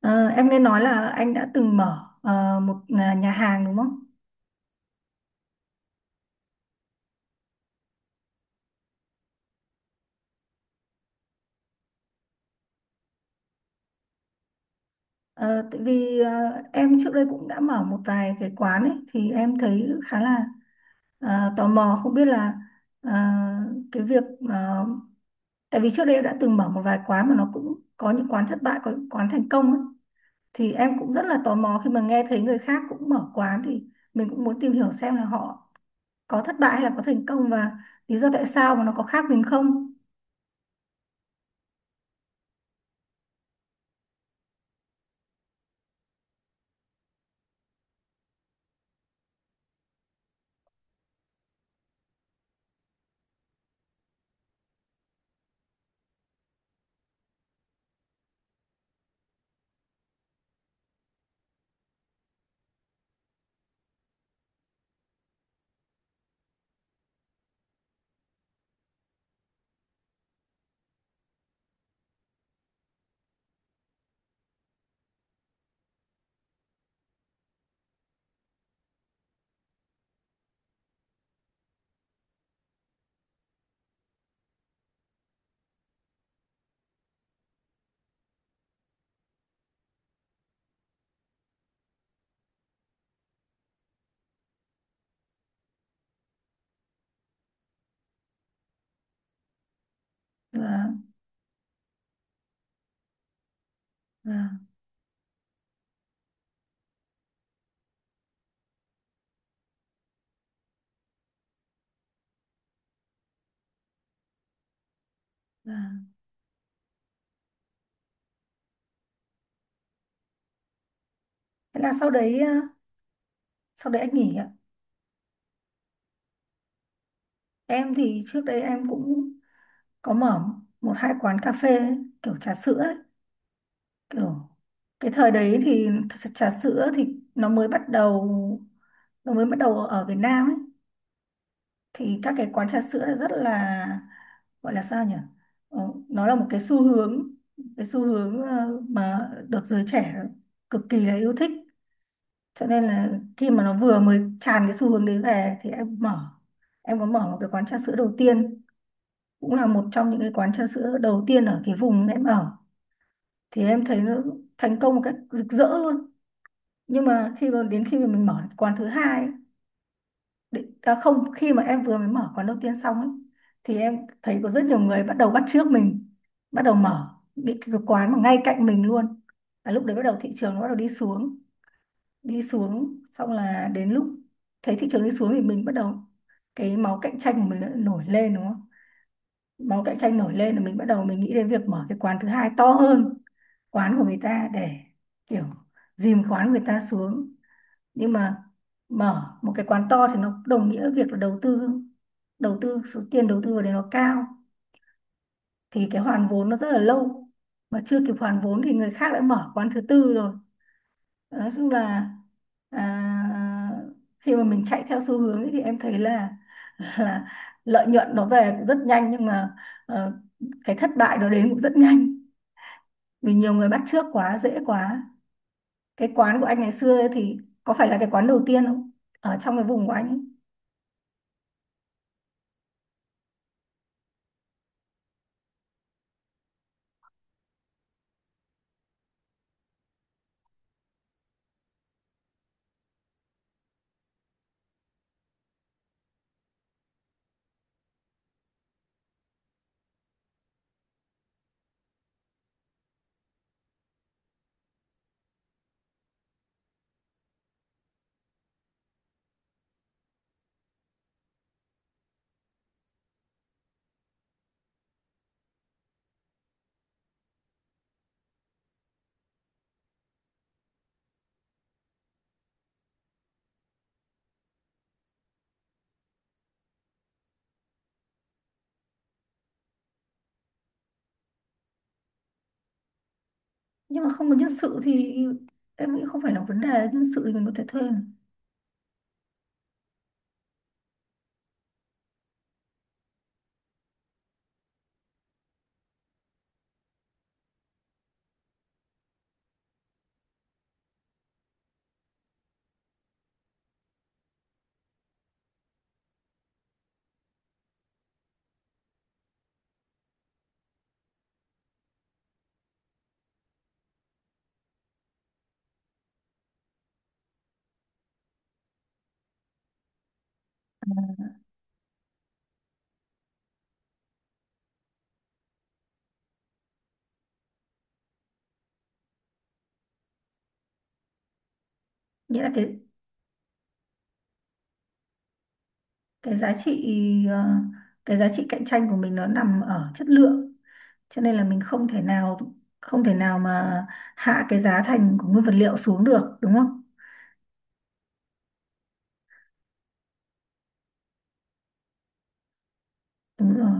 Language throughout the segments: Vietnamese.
Ờ, em nghe nói là anh đã từng mở một nhà hàng đúng không? Ờ, tại vì em trước đây cũng đã mở một vài cái quán ấy thì em thấy khá là tò mò không biết là ờ, cái việc ờ, tại vì trước đây em đã từng mở một vài quán mà nó cũng có những quán thất bại, có những quán thành công ấy thì em cũng rất là tò mò khi mà nghe thấy người khác cũng mở quán thì mình cũng muốn tìm hiểu xem là họ có thất bại hay là có thành công và lý do tại sao mà nó có khác mình không. Và, và, Thế là sau đấy anh nghỉ ạ. Em thì trước đấy em cũng có mở một hai quán cà phê ấy, kiểu trà sữa ấy, kiểu cái thời đấy thì trà trà sữa thì nó mới bắt đầu nó mới bắt đầu ở Việt Nam ấy thì các cái quán trà sữa là rất là, gọi là sao nhỉ? Ờ, nó là một cái xu hướng mà được giới trẻ cực kỳ là yêu thích cho nên là khi mà nó vừa mới tràn cái xu hướng đấy về thì em mở em có mở một cái quán trà sữa đầu tiên, cũng là một trong những cái quán trà sữa đầu tiên ở cái vùng em ở thì em thấy nó thành công một cách rực rỡ luôn. Nhưng mà khi mà mình mở cái quán thứ hai ấy, định- à không khi mà em vừa mới mở quán đầu tiên xong ấy, thì em thấy có rất nhiều người bắt đầu bắt chước mình, bắt đầu mở những cái quán mà ngay cạnh mình luôn, và lúc đấy bắt đầu thị trường nó bắt đầu đi xuống. Đi xuống xong là đến lúc thấy thị trường đi xuống thì mình bắt đầu, cái máu cạnh tranh của mình đã nổi lên đúng không? Máu cạnh tranh nổi lên là mình bắt đầu mình nghĩ đến việc mở cái quán thứ hai to hơn quán của người ta để kiểu dìm quán của người ta xuống. Nhưng mà mở một cái quán to thì nó đồng nghĩa việc là đầu tư, số tiền đầu tư vào đấy nó cao thì cái hoàn vốn nó rất là lâu mà chưa kịp hoàn vốn thì người khác đã mở quán thứ tư rồi. Nói chung là à, khi mà mình chạy theo xu hướng ấy, thì em thấy là là lợi nhuận nó về cũng rất nhanh nhưng mà ờ, cái thất bại nó đến cũng rất nhanh, vì nhiều người bắt chước quá, dễ quá. Cái quán của anh ngày xưa ấy thì có phải là cái quán đầu tiên không, ở trong cái vùng của anh ấy? Nhưng mà không có nhân sự thì em nghĩ không phải là vấn đề, nhân sự thì mình có thể thuê mà. Nghĩa là cái giá trị ờ, cái giá trị cạnh tranh của mình nó nằm ở chất lượng, cho nên là mình không thể nào mà hạ cái giá thành của nguyên vật liệu xuống được đúng không? Đúng rồi.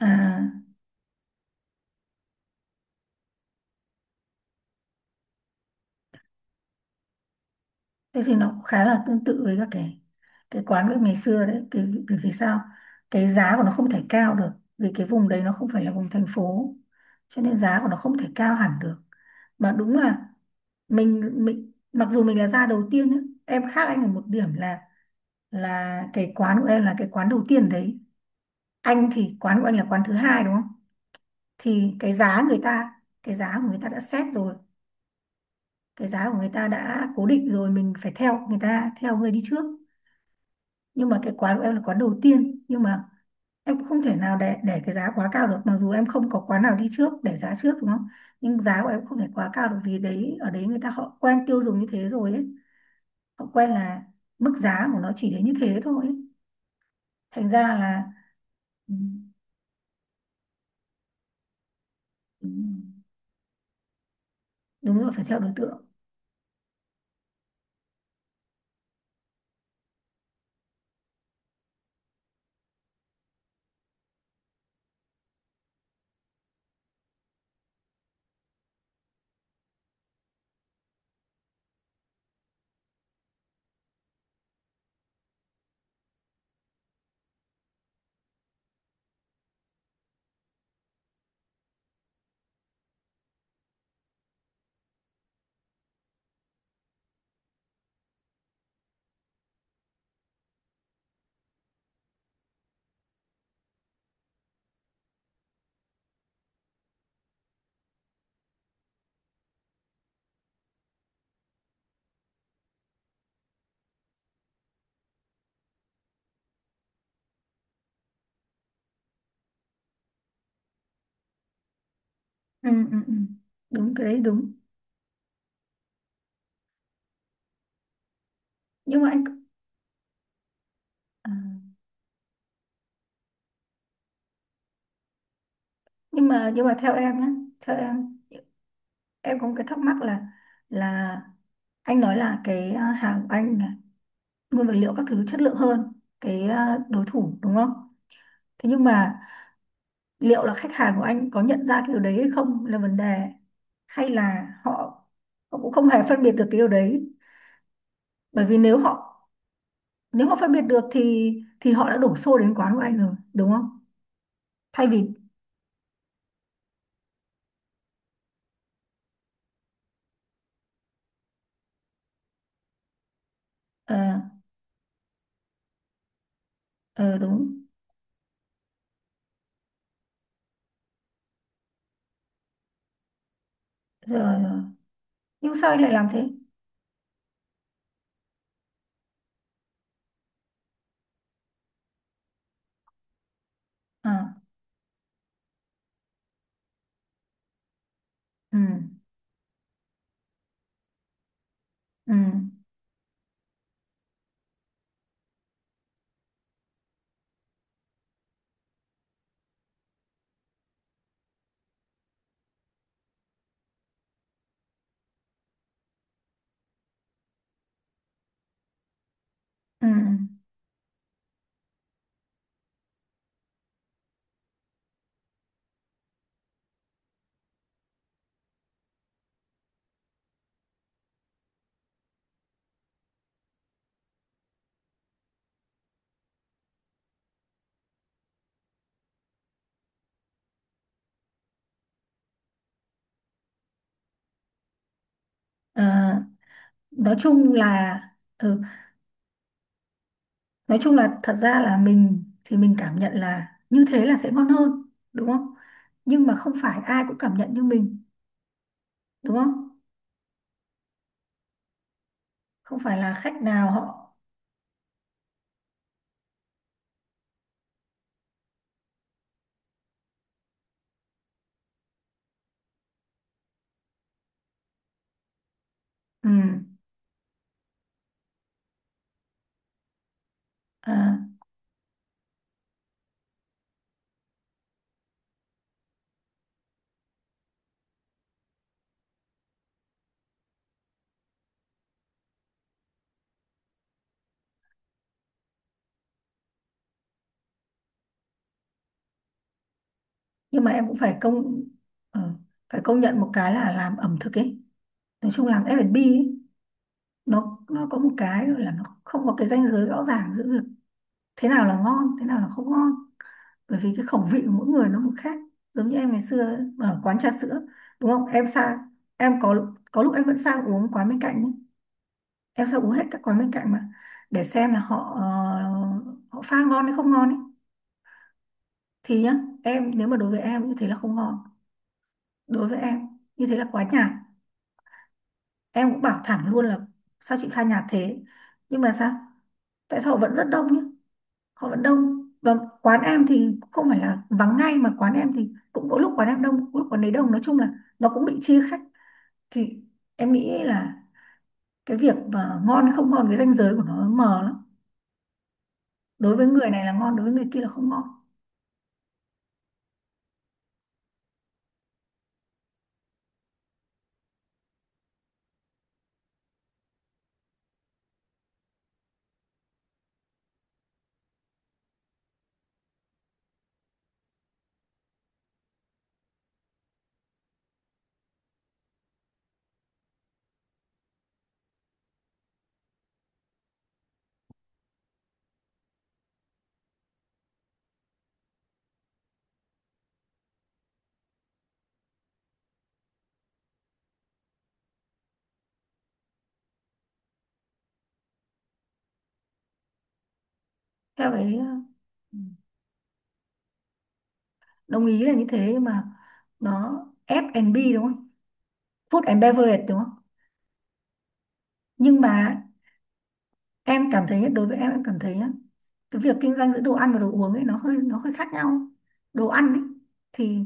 À, thế thì nó cũng khá là tương tự với các cái quán bếp ngày xưa đấy, cái bởi vì sao? Cái giá của nó không thể cao được vì cái vùng đấy nó không phải là vùng thành phố cho nên giá của nó không thể cao hẳn được, mà đúng là mình mặc dù mình là gia đầu tiên nhá, em khác anh ở một điểm là cái quán của em là cái quán đầu tiên đấy. Anh thì quán của anh là quán thứ hai đúng không? Thì cái giá người ta cái giá của người ta đã set rồi, cái giá của người ta đã cố định rồi, mình phải theo người ta, theo người đi trước. Nhưng mà cái quán của em là quán đầu tiên, nhưng mà em cũng không thể nào để cái giá quá cao được, mặc dù em không có quán nào đi trước để giá trước đúng không? Nhưng giá của em không thể quá cao được vì đấy ở đấy người ta họ quen tiêu dùng như thế rồi ấy, họ quen là mức giá của nó chỉ đến như thế thôi ấy. Thành ra là. Ừ, ừ. Đúng rồi, phải theo đối tượng. Ừ, ừ, ừ. Đúng, cái đấy đúng. Nhưng mà anh. À. nhưng mà theo em, em có một cái thắc mắc là là anh nói là cái hàng của anh là nguyên vật liệu các thứ chất lượng hơn cái đối thủ đúng không? Thế nhưng mà liệu là khách hàng của anh có nhận ra cái điều đấy hay không là vấn đề, hay là họ cũng không hề phân biệt được cái điều đấy? Bởi vì nếu họ phân biệt được thì họ đã đổ xô đến quán của anh rồi đúng không, thay vì. ờ ờ, Đúng rồi, rồi. Nhưng sao anh lại làm thế? À, ừ, ừ, ừ, ừ. À, nói chung là ừ, nói chung là thật ra là mình thì mình cảm nhận là như thế là sẽ ngon hơn đúng không? Nhưng mà không phải ai cũng cảm nhận như mình đúng không? Không phải là khách nào họ. Ừ, à, nhưng mà em cũng ờ, phải công nhận một cái là làm ẩm thực ấy, nói chung làm F&B ấy, nó có một cái là nó không có cái ranh giới rõ ràng giữa việc thế nào là ngon, thế nào là không ngon, bởi vì cái khẩu vị của mỗi người nó một khác. Giống như em ngày xưa ở quán trà sữa đúng không, em sang em có lúc em vẫn sang uống quán bên cạnh nhé. Em sang uống hết các quán bên cạnh mà để xem là họ họ pha ngon hay không ngon ấy, thì nhá, em, nếu mà đối với em như thế là không ngon, đối với em như thế là quá nhạt, em cũng bảo thẳng luôn là sao chị pha nhạt thế. Nhưng mà sao, tại sao họ vẫn rất đông nhé, họ vẫn đông, và quán em thì không phải là vắng ngay, mà quán em thì cũng có lúc quán em đông, lúc quán đấy đông, nói chung là nó cũng bị chia khách, thì em nghĩ là cái việc mà ngon hay không ngon, cái ranh giới của nó mờ lắm, đối với người này là ngon, đối với người kia là không ngon. Theo cái. ừ, Đồng ý là như thế, nhưng mà nó ép and F&B đúng không, food and beverage đúng không? Nhưng mà em cảm thấy, đối với em cảm thấy nhá, cái việc kinh doanh giữa đồ ăn và đồ uống ấy nó hơi, khác nhau. Đồ ăn ấy thì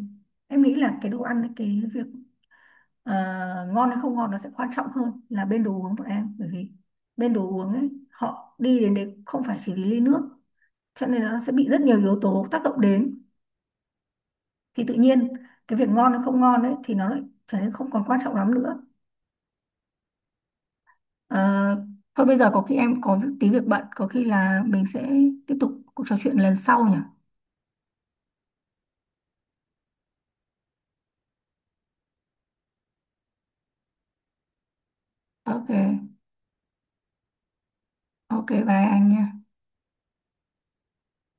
em nghĩ là cái đồ ăn ấy, cái việc ờ, ngon hay không ngon nó sẽ quan trọng hơn là bên đồ uống bọn em, bởi vì bên đồ uống ấy họ đi đến đấy không phải chỉ vì ly nước, cho nên nó sẽ bị rất nhiều yếu tố tác động đến, thì tự nhiên cái việc ngon hay không ngon ấy thì nó lại trở nên không còn quan trọng lắm nữa. Ờ, thôi bây giờ có khi em có tí việc bận, có khi là mình sẽ tiếp tục cuộc trò chuyện lần sau nhỉ. OK, ok bye anh nha.